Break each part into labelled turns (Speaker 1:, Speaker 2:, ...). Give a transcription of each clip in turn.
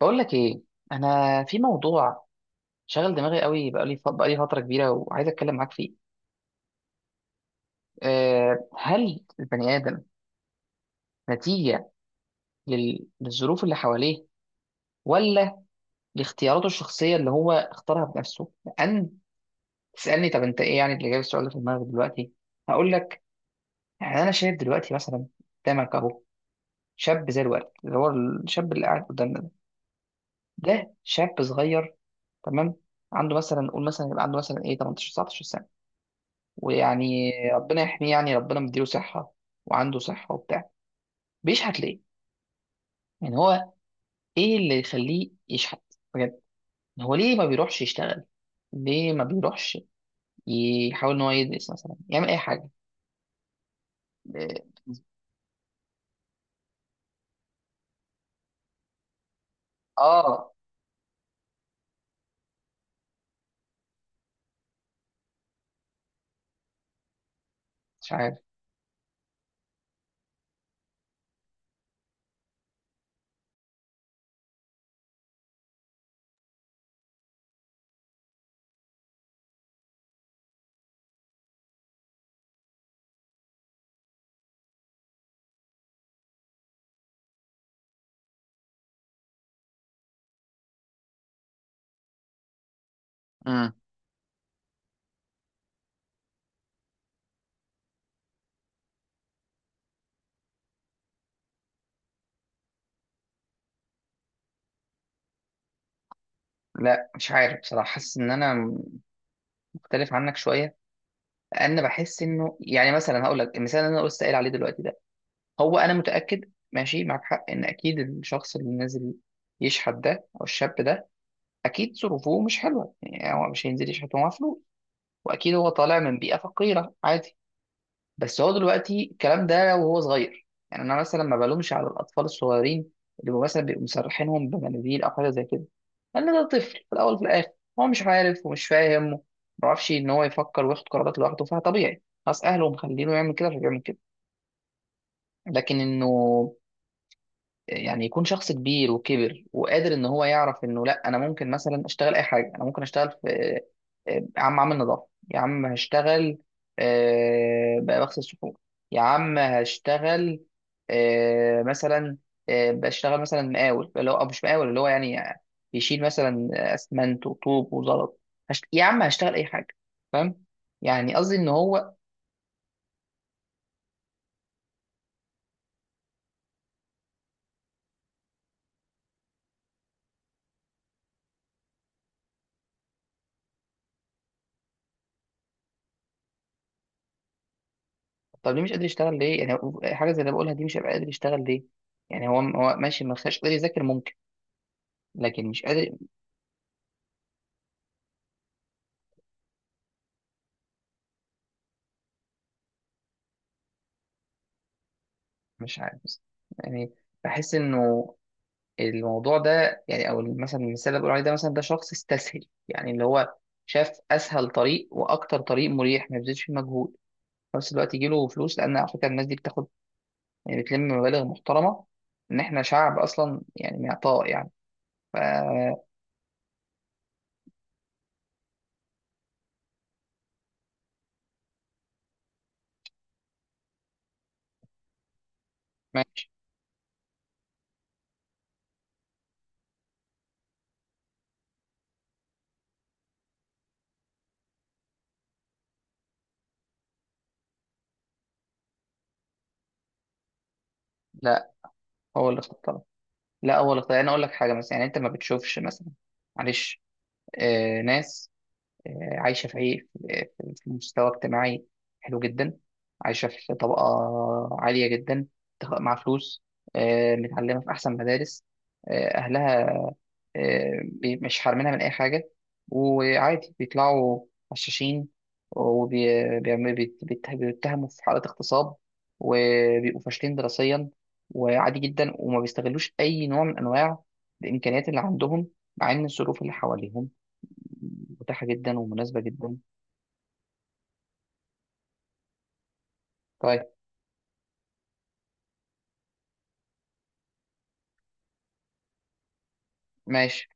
Speaker 1: بقول لك ايه. انا في موضوع شغل دماغي قوي بقالي، بقالي فتره كبيره، وعايز اتكلم معاك فيه. هل البني ادم نتيجه للظروف اللي حواليه، ولا لاختياراته الشخصيه اللي هو اختارها بنفسه؟ لان تسالني طب انت ايه يعني اللي جايب السؤال ده في دماغك دلوقتي. هقول لك. يعني انا شايف دلوقتي مثلا قدامك اهو شاب زي الورد، اللي هو الشاب اللي قاعد قدامنا ده. ده شاب صغير، تمام؟ عنده مثلا، نقول مثلا يبقى عنده مثلا ايه 18 19 سنه، ويعني ربنا يحميه، يعني ربنا مديله صحة، وعنده صحة وبتاع. بيشحت ليه؟ يعني هو ايه اللي يخليه يشحت، بجد؟ هو ليه ما بيروحش يشتغل؟ ليه ما بيروحش يحاول ان هو يدرس مثلا، يعمل اي حاجة؟ اه. مش عارف. امم. لا، مش عارف بصراحة. حاسس ان انا مختلف عنك شوية، لان بحس انه، يعني مثلا هقول لك المثال اللي انا لسه قايل عليه دلوقتي ده. هو انا متأكد ماشي معك حق، ان اكيد الشخص اللي نازل يشحت ده او الشاب ده اكيد ظروفه مش حلوه. يعني هو مش هينزل يشحت ومعاه فلوس. واكيد هو طالع من بيئه فقيره، عادي. بس هو دلوقتي الكلام ده وهو صغير، يعني انا مثلا ما بلومش على الاطفال الصغيرين، اللي هو مثلا بيبقوا مسرحينهم بمناديل او حاجه زي كده، لان ده طفل في الاول وفي الاخر. هو مش عارف ومش فاهم، ما بيعرفش ان هو يفكر وياخد قرارات لوحده، فطبيعي ناس اهله مخلينه يعمل كده فبيعمل كده. لكن انه يعني يكون شخص كبير وكبر وقادر ان هو يعرف انه، لا انا ممكن مثلا اشتغل اي حاجه، انا ممكن اشتغل في، يا عم عامل نظافه، يا عم هشتغل، بقى بغسل صحون، يا عم هشتغل، مثلا، بشتغل مثلا مقاول، اللي هو أو مش مقاول، اللي هو يعني يشيل مثلا اسمنت وطوب وزلط. يا عم هشتغل اي حاجه، فاهم؟ يعني قصدي ان هو. طب ليه مش قادر يشتغل، ليه؟ يعني حاجه زي اللي بقولها دي، مش هيبقى قادر يشتغل ليه؟ يعني هو ماشي، ما خلاش قادر يذاكر، ممكن. لكن مش قادر. مش عارف بس، يعني بحس انه الموضوع ده، يعني او مثلا المثال اللي بقول عليه ده، مثلا ده شخص استسهل، يعني اللي هو شاف اسهل طريق واكتر طريق مريح ما يبذلش فيه مجهود، في نفس الوقت يجي له فلوس. لان على فكره الناس دي بتاخد، يعني بتلم مبالغ محترمه. ان احنا شعب اصلا يعني معطاء، يعني ف، ماشي. لا، هو اللي اختار. لا، هو الاختيار. انا اقول لك حاجه مثلا، يعني انت ما بتشوفش مثلا، معلش، ناس عايشه في عي- في في مستوى اجتماعي حلو جدا، عايشه في طبقه عاليه جدا، مع فلوس، متعلمه في احسن مدارس، اهلها مش حارمينها من أي حاجة. وعادي بيطلعوا غشاشين، وبيتهموا في حالات اغتصاب، وبيبقوا فاشلين دراسيا، وعادي جدا وما بيستغلوش أي نوع من أنواع الإمكانيات اللي عندهم، مع إن الظروف اللي حواليهم متاحة جدا ومناسبة جدا. طيب، ماشي.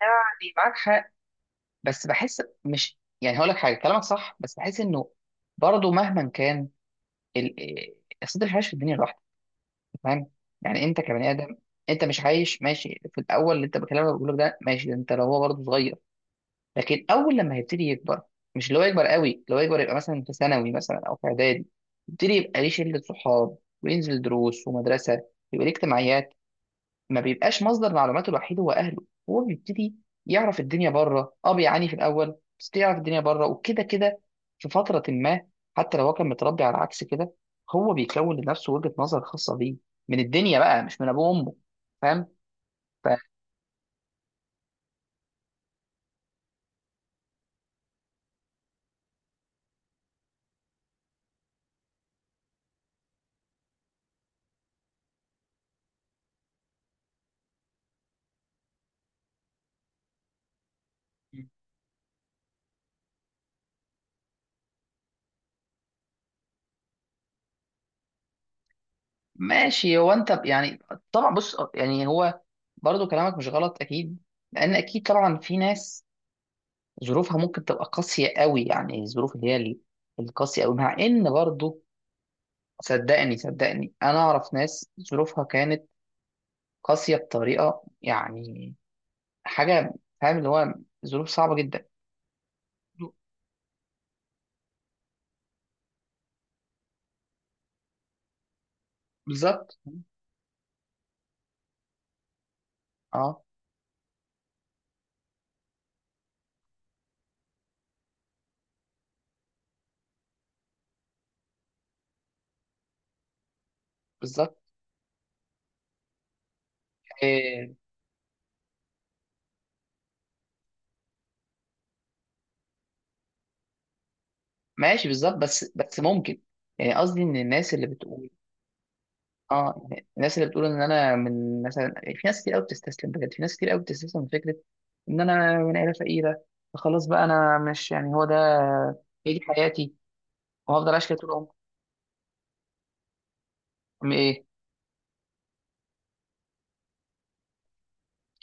Speaker 1: يعني معاك حق بس بحس مش، يعني هقول لك حاجة، كلامك صح بس بحس إنه برضه مهما كان ال... إيه، أصل ده مش عايش في الدنيا لوحده، فاهم؟ يعني انت كبني ادم انت مش عايش، ماشي. في الاول اللي انت بكلمك بقول لك ده، ماشي، ده انت لو هو برضه صغير. لكن اول لما هيبتدي يكبر، مش اللي هو يكبر قوي، لو يكبر يبقى مثلا في ثانوي مثلا او في اعدادي، يبتدي يبقى ليه شله صحاب، وينزل دروس ومدرسه، يبقى ليه اجتماعيات، ما بيبقاش مصدر معلوماته الوحيد هو اهله. هو بيبتدي يعرف الدنيا بره، اه بيعاني في الاول بس يعرف الدنيا بره. وكده كده في فتره ما، حتى لو هو كان متربي على عكس كده، هو بيكون لنفسه وجهه نظر خاصه بيه من الدنيا بقى، مش من ابوه وامه، فاهم؟ فماشي، هو انت يعني طبعا، بص يعني هو برضو كلامك مش غلط اكيد. لان اكيد طبعا في ناس ظروفها ممكن تبقى قاسيه قوي، يعني الظروف اللي هي القاسيه قوي، مع ان برضو، صدقني صدقني، انا اعرف ناس ظروفها كانت قاسية بطريقة، يعني حاجة، فاهم اللي هو ظروف صعبة جدا. بالظبط. اه، بالظبط. إيه، ماشي بالظبط. بس ممكن، يعني قصدي ان الناس اللي بتقول، اه يعني الناس اللي بتقول ان انا من، مثلا في ناس كتير قوي بتستسلم بجد، في ناس كتير قوي بتستسلم من فكرة ان انا من عيلة فقيرة، فخلاص بقى انا مش، يعني هو ده، هي دي حياتي، وهفضل عايش كده طول عمري. ايه.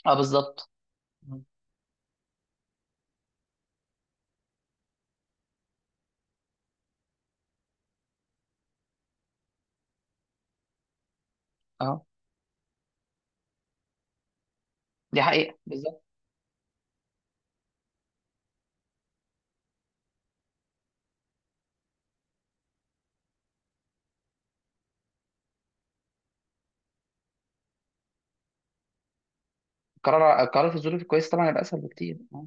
Speaker 1: اه، بالظبط. اه، دي حقيقة بالظبط. القرار في الظروف الكويسة طبعا هيبقى أسهل بكتير، آه.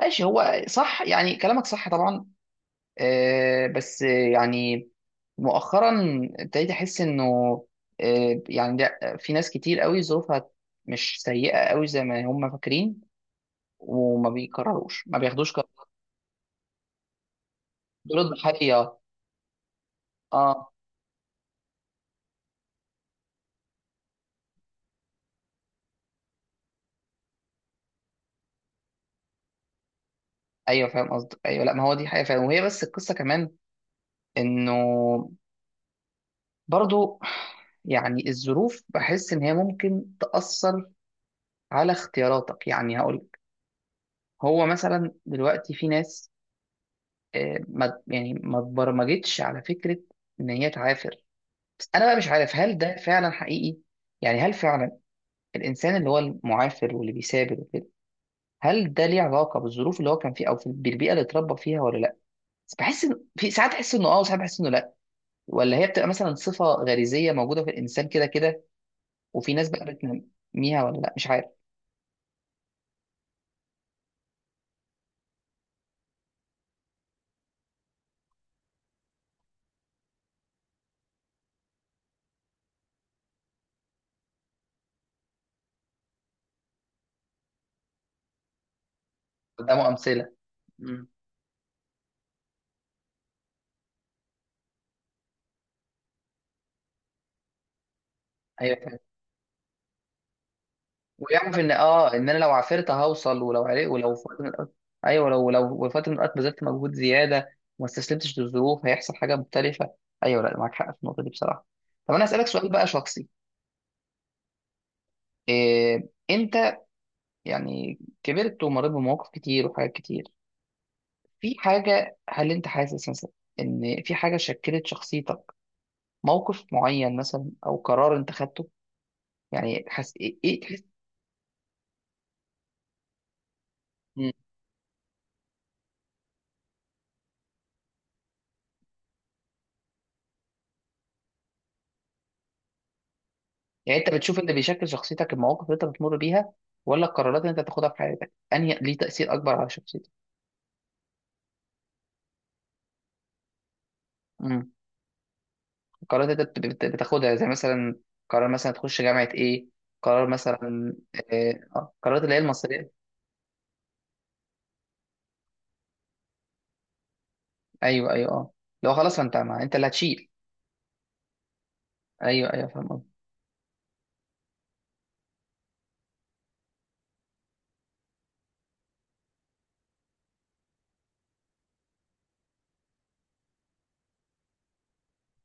Speaker 1: ماشي، هو صح، يعني كلامك صح طبعا. بس يعني مؤخرا ابتديت أحس إنه، يعني ده في ناس كتير قوي ظروفها مش سيئة قوي زي ما هم فاكرين، وما بيقرروش، ما بياخدوش قرار. دول الضحية. اه، ايوه فاهم قصدك. ايوه، لا ما هو دي حقيقة فعلا. وهي بس القصة كمان إنه برضو، يعني الظروف بحس إن هي ممكن تأثر على اختياراتك. يعني هقول لك، هو مثلا دلوقتي في ناس، ما يعني ما اتبرمجتش على فكرة ان هي تعافر. بس انا بقى مش عارف هل ده فعلا حقيقي. يعني هل فعلا الانسان اللي هو المعافر واللي بيثابر وكده، هل ده ليه علاقة بالظروف اللي هو كان فيها او بالبيئة اللي اتربى فيها ولا لا؟ بس بحس ان في ساعات احس انه اه، وساعات بحس انه لا. ولا هي بتبقى مثلا صفة غريزية موجودة في الانسان كده كده، وفي ناس بقى بتنميها ولا لا؟ مش عارف. قدامه امثلة. مم. ايوه، ويعرف ان، اه، ان انا لو عافرت هوصل، ولو عرق، ولو في وقت من الأوقات. ايوه، لو في وقت من الاوقات بذلت مجهود زياده وما استسلمتش للظروف، هيحصل حاجه مختلفه. ايوه، لا معاك حق في النقطه دي بصراحه. طب انا اسالك سؤال بقى شخصي. انت يعني كبرت ومريت بمواقف كتير وحاجات كتير، في حاجه، هل انت حاسس مثلا ان في حاجه شكلت شخصيتك؟ موقف معين مثلا، او قرار انت خدته، يعني حس ايه؟ يعني انت بتشوف اللي بيشكل شخصيتك المواقف اللي انت بتمر بيها، ولا القرارات اللي انت بتاخدها في حياتك، انهي ليه تأثير اكبر على شخصيتك؟ امم. القرارات اللي انت بتاخدها، زي مثلا قرار مثلا تخش جامعة ايه، قرار مثلا، اه، قرارات اللي هي المصيرية. ايوه، ايوه، اه، لو خلاص، ما انت اللي هتشيل. ايوه، ايوه، فاهم قصدك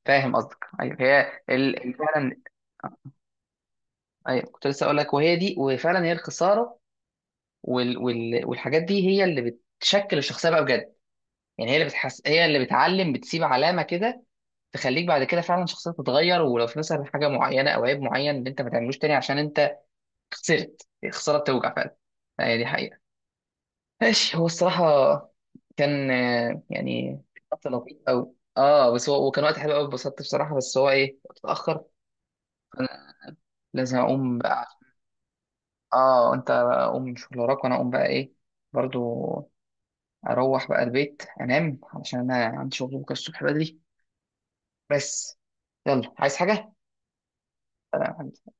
Speaker 1: فاهم قصدك ايوه. هي فعلا. ايوه، كنت لسه اقول لك وهي دي، وفعلا هي الخسارة والحاجات دي هي اللي بتشكل الشخصية بقى بجد. يعني هي اللي بتحس، هي اللي بتعلم، بتسيب علامة كده تخليك بعد كده فعلا شخصيتك تتغير، ولو في مثلا حاجه معينه او عيب معين اللي انت ما تعملوش تاني عشان انت خسرت. الخساره بتوجع فعلا، هي دي حقيقه. ماشي، هو الصراحه كان، يعني، وقت لطيف قوي، اه بس هو وكان وقت حلو قوي، اتبسطت بصراحه. بس هو ايه، وقت اتاخر، لازم اقوم بقى. اه، انت بقى قوم من شغل وراك، وانا اقوم بقى ايه، برضو. اروح بقى البيت انام علشان انا عندي شغل بكره الصبح بدري. بس، يلا عايز حاجه؟ سلام.